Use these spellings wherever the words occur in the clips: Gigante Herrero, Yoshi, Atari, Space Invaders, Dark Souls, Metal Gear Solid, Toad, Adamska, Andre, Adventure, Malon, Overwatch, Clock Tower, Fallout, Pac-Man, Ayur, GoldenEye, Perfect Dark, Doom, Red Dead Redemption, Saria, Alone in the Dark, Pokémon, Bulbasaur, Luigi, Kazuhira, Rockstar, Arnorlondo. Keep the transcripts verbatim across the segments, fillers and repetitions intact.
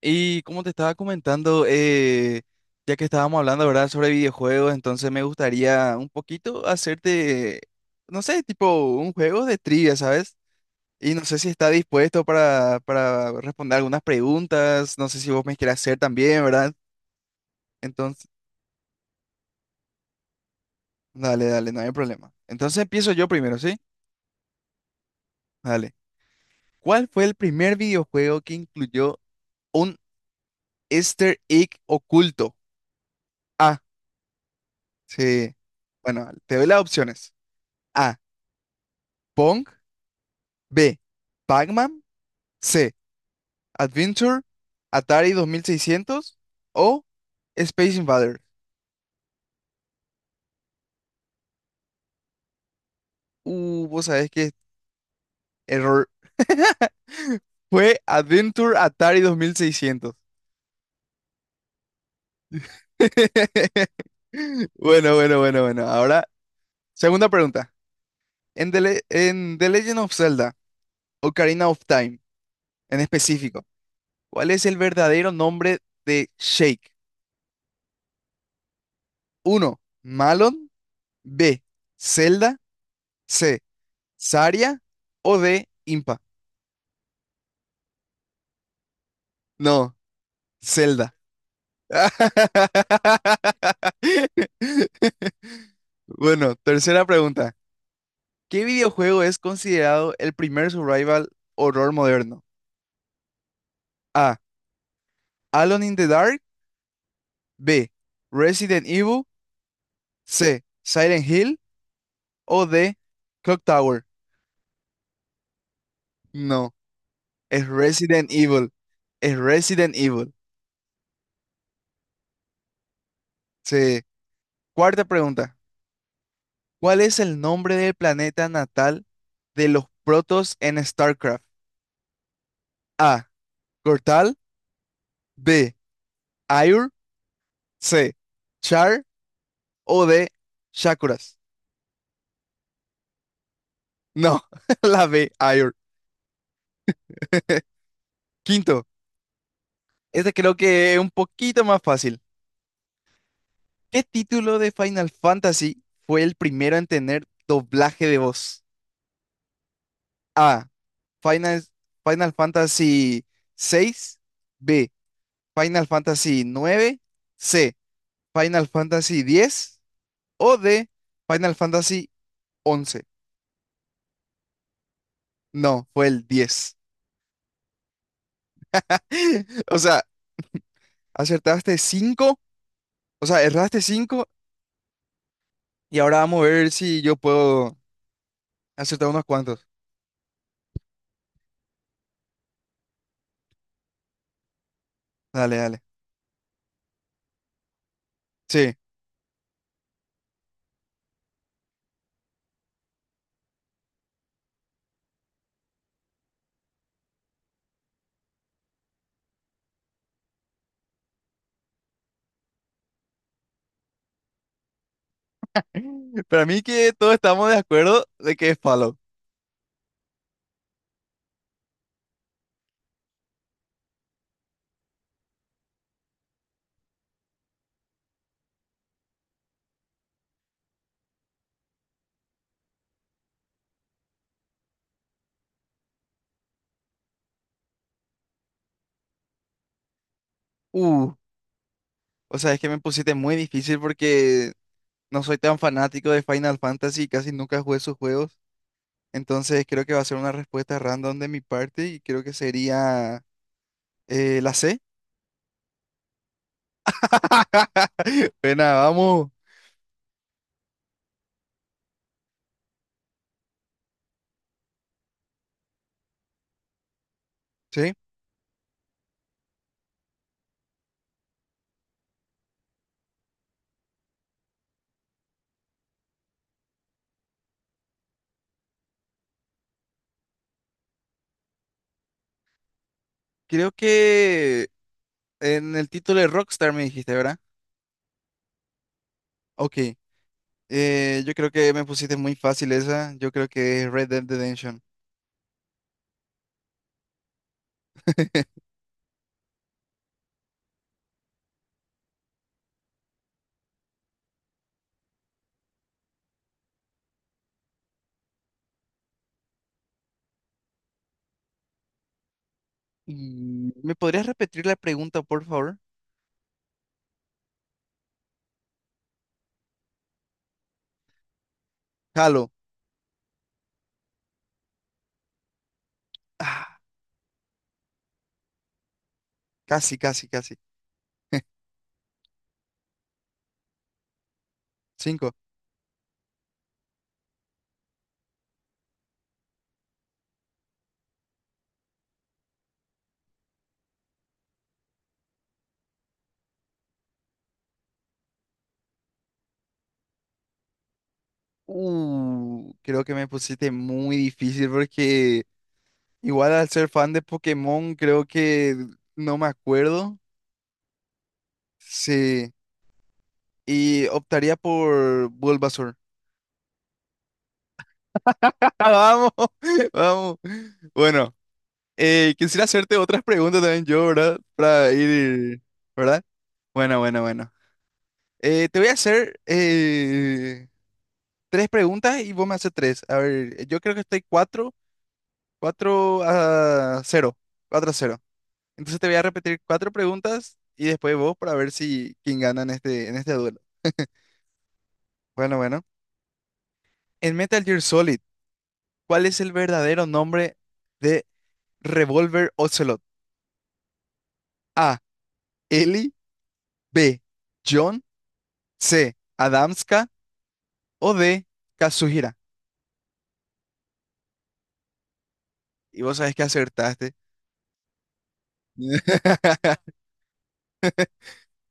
Y como te estaba comentando, eh, ya que estábamos hablando, ¿verdad?, sobre videojuegos, entonces me gustaría un poquito hacerte, no sé, tipo un juego de trivia, ¿sabes? Y no sé si está dispuesto para, para responder algunas preguntas, no sé si vos me quieres hacer también, ¿verdad? Entonces, dale, dale, no hay problema. Entonces empiezo yo primero, ¿sí? Dale. ¿Cuál fue el primer videojuego que incluyó un Easter egg oculto? Ah, sí. Bueno, te doy las opciones. A. Pong. B. Pac-Man. C. Adventure. Atari dos mil seiscientos o Space Invaders. Uh, vos sabés que error. Fue Adventure Atari dos mil seiscientos. Bueno, bueno, bueno, bueno. Ahora, segunda pregunta. En The, Le- en The Legend of Zelda, Ocarina of Time, en específico, ¿cuál es el verdadero nombre de Shake? Uno. Malon. B. Zelda. C. Saria o de Impa. No, Zelda. Bueno, tercera pregunta. ¿Qué videojuego es considerado el primer survival horror moderno? A. Alone in the Dark. B. Resident Evil. C. Silent Hill. O D. Clock Tower. No, es Resident Evil. Es Resident Evil. Sí. Cuarta pregunta. ¿Cuál es el nombre del planeta natal de los protos en StarCraft? A. Cortal. B. Ayur. C. Char. O D. Shakuras. No, la B. Ayur. Quinto. Este creo que es un poquito más fácil. ¿Qué título de Final Fantasy fue el primero en tener doblaje de voz? A. Final, Final Fantasy seis. B. Final Fantasy nueve. C. Final Fantasy diez. O D. Final Fantasy once. No, fue el diez. O sea, acertaste cinco, o sea, erraste cinco y ahora vamos a ver si yo puedo acertar unos cuantos. Dale, dale. Sí. Para mí que todos estamos de acuerdo de que es Fallout. Uh, o sea, es que me pusiste muy difícil porque no soy tan fanático de Final Fantasy, y casi nunca jugué sus juegos. Entonces creo que va a ser una respuesta random de mi parte y creo que sería eh, la C. Pena, vamos. Sí. Creo que En el título de Rockstar me dijiste, ¿verdad? Ok. Eh, yo creo que me pusiste muy fácil esa. Yo creo que es Red Dead Redemption. Y- ¿Me podrías repetir la pregunta, por favor? Halo. Ah, casi, casi, casi. Cinco. Uh, creo que me pusiste muy difícil porque igual al ser fan de Pokémon, creo que no me acuerdo. Sí. Y optaría por Bulbasaur. Vamos, vamos. Bueno. Eh, quisiera hacerte otras preguntas también yo, ¿verdad? Para ir, ¿verdad? Bueno, bueno, bueno. Eh, te voy a hacer eh, tres preguntas y vos me haces tres. A ver, yo creo que estoy cuatro, cuatro a cero, cuatro a cero. Entonces te voy a repetir cuatro preguntas y después vos para ver si quién gana en este, en este duelo. Bueno, bueno. En Metal Gear Solid, ¿cuál es el verdadero nombre de Revolver Ocelot? A. Ellie. B. John. C. Adamska. O de Kazuhira. Y vos sabés que acertaste.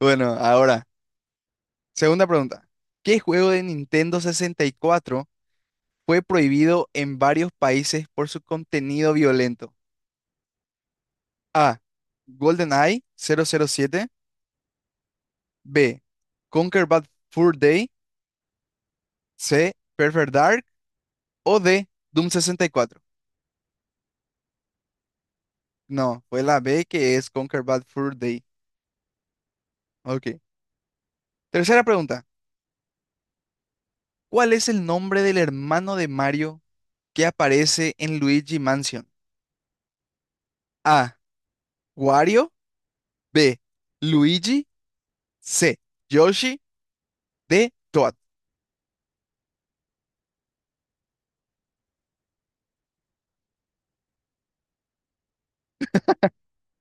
Bueno, ahora, segunda pregunta. ¿Qué juego de Nintendo sesenta y cuatro fue prohibido en varios países por su contenido violento? A. GoldenEye cero cero siete. B. Conquer Bad Fur Day. C. Perfect Dark. O D. Doom sesenta y cuatro. No, fue la B que es Conquer Bad Fur Day. Ok. Tercera pregunta. ¿Cuál es el nombre del hermano de Mario que aparece en Luigi Mansion? A. Wario. B. Luigi. C. Yoshi. D. Toad.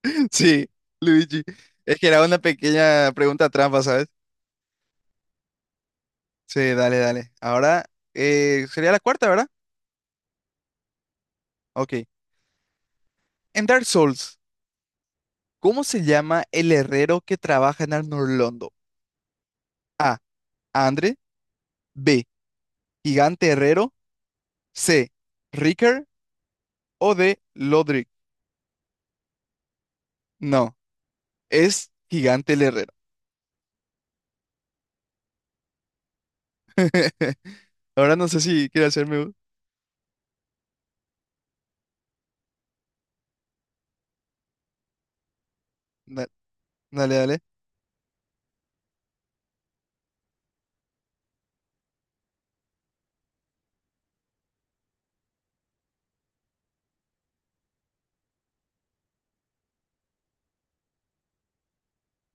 Sí, Luigi. Es que era una pequeña pregunta trampa, ¿sabes? Sí, dale, dale. Ahora eh, sería la cuarta, ¿verdad? Ok. En Dark Souls, ¿cómo se llama el herrero que trabaja en Arnorlondo? A. Andre. B. Gigante Herrero. C. Ricker. O D. Lodric. No, es Gigante el Herrero. Ahora no sé si quiere hacerme. un- da- Dale, dale.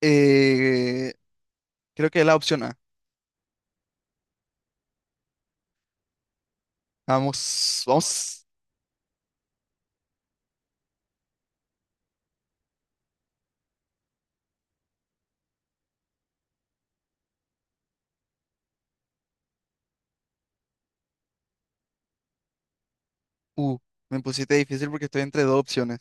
Eh, Creo que es la opción A. Vamos, vamos. Uh, Me pusiste difícil porque estoy entre dos opciones.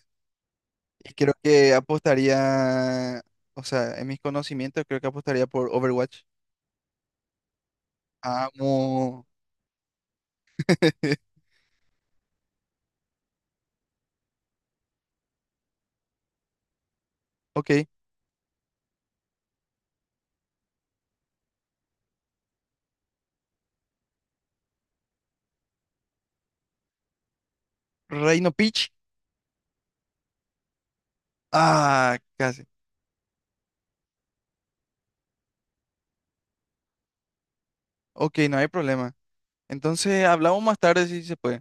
Y creo que apostaría, o sea, en mis conocimientos, creo que apostaría por Overwatch. Amo. Ok. Reino Peach. Ah, casi. Ok, no hay problema. Entonces hablamos más tarde si se puede.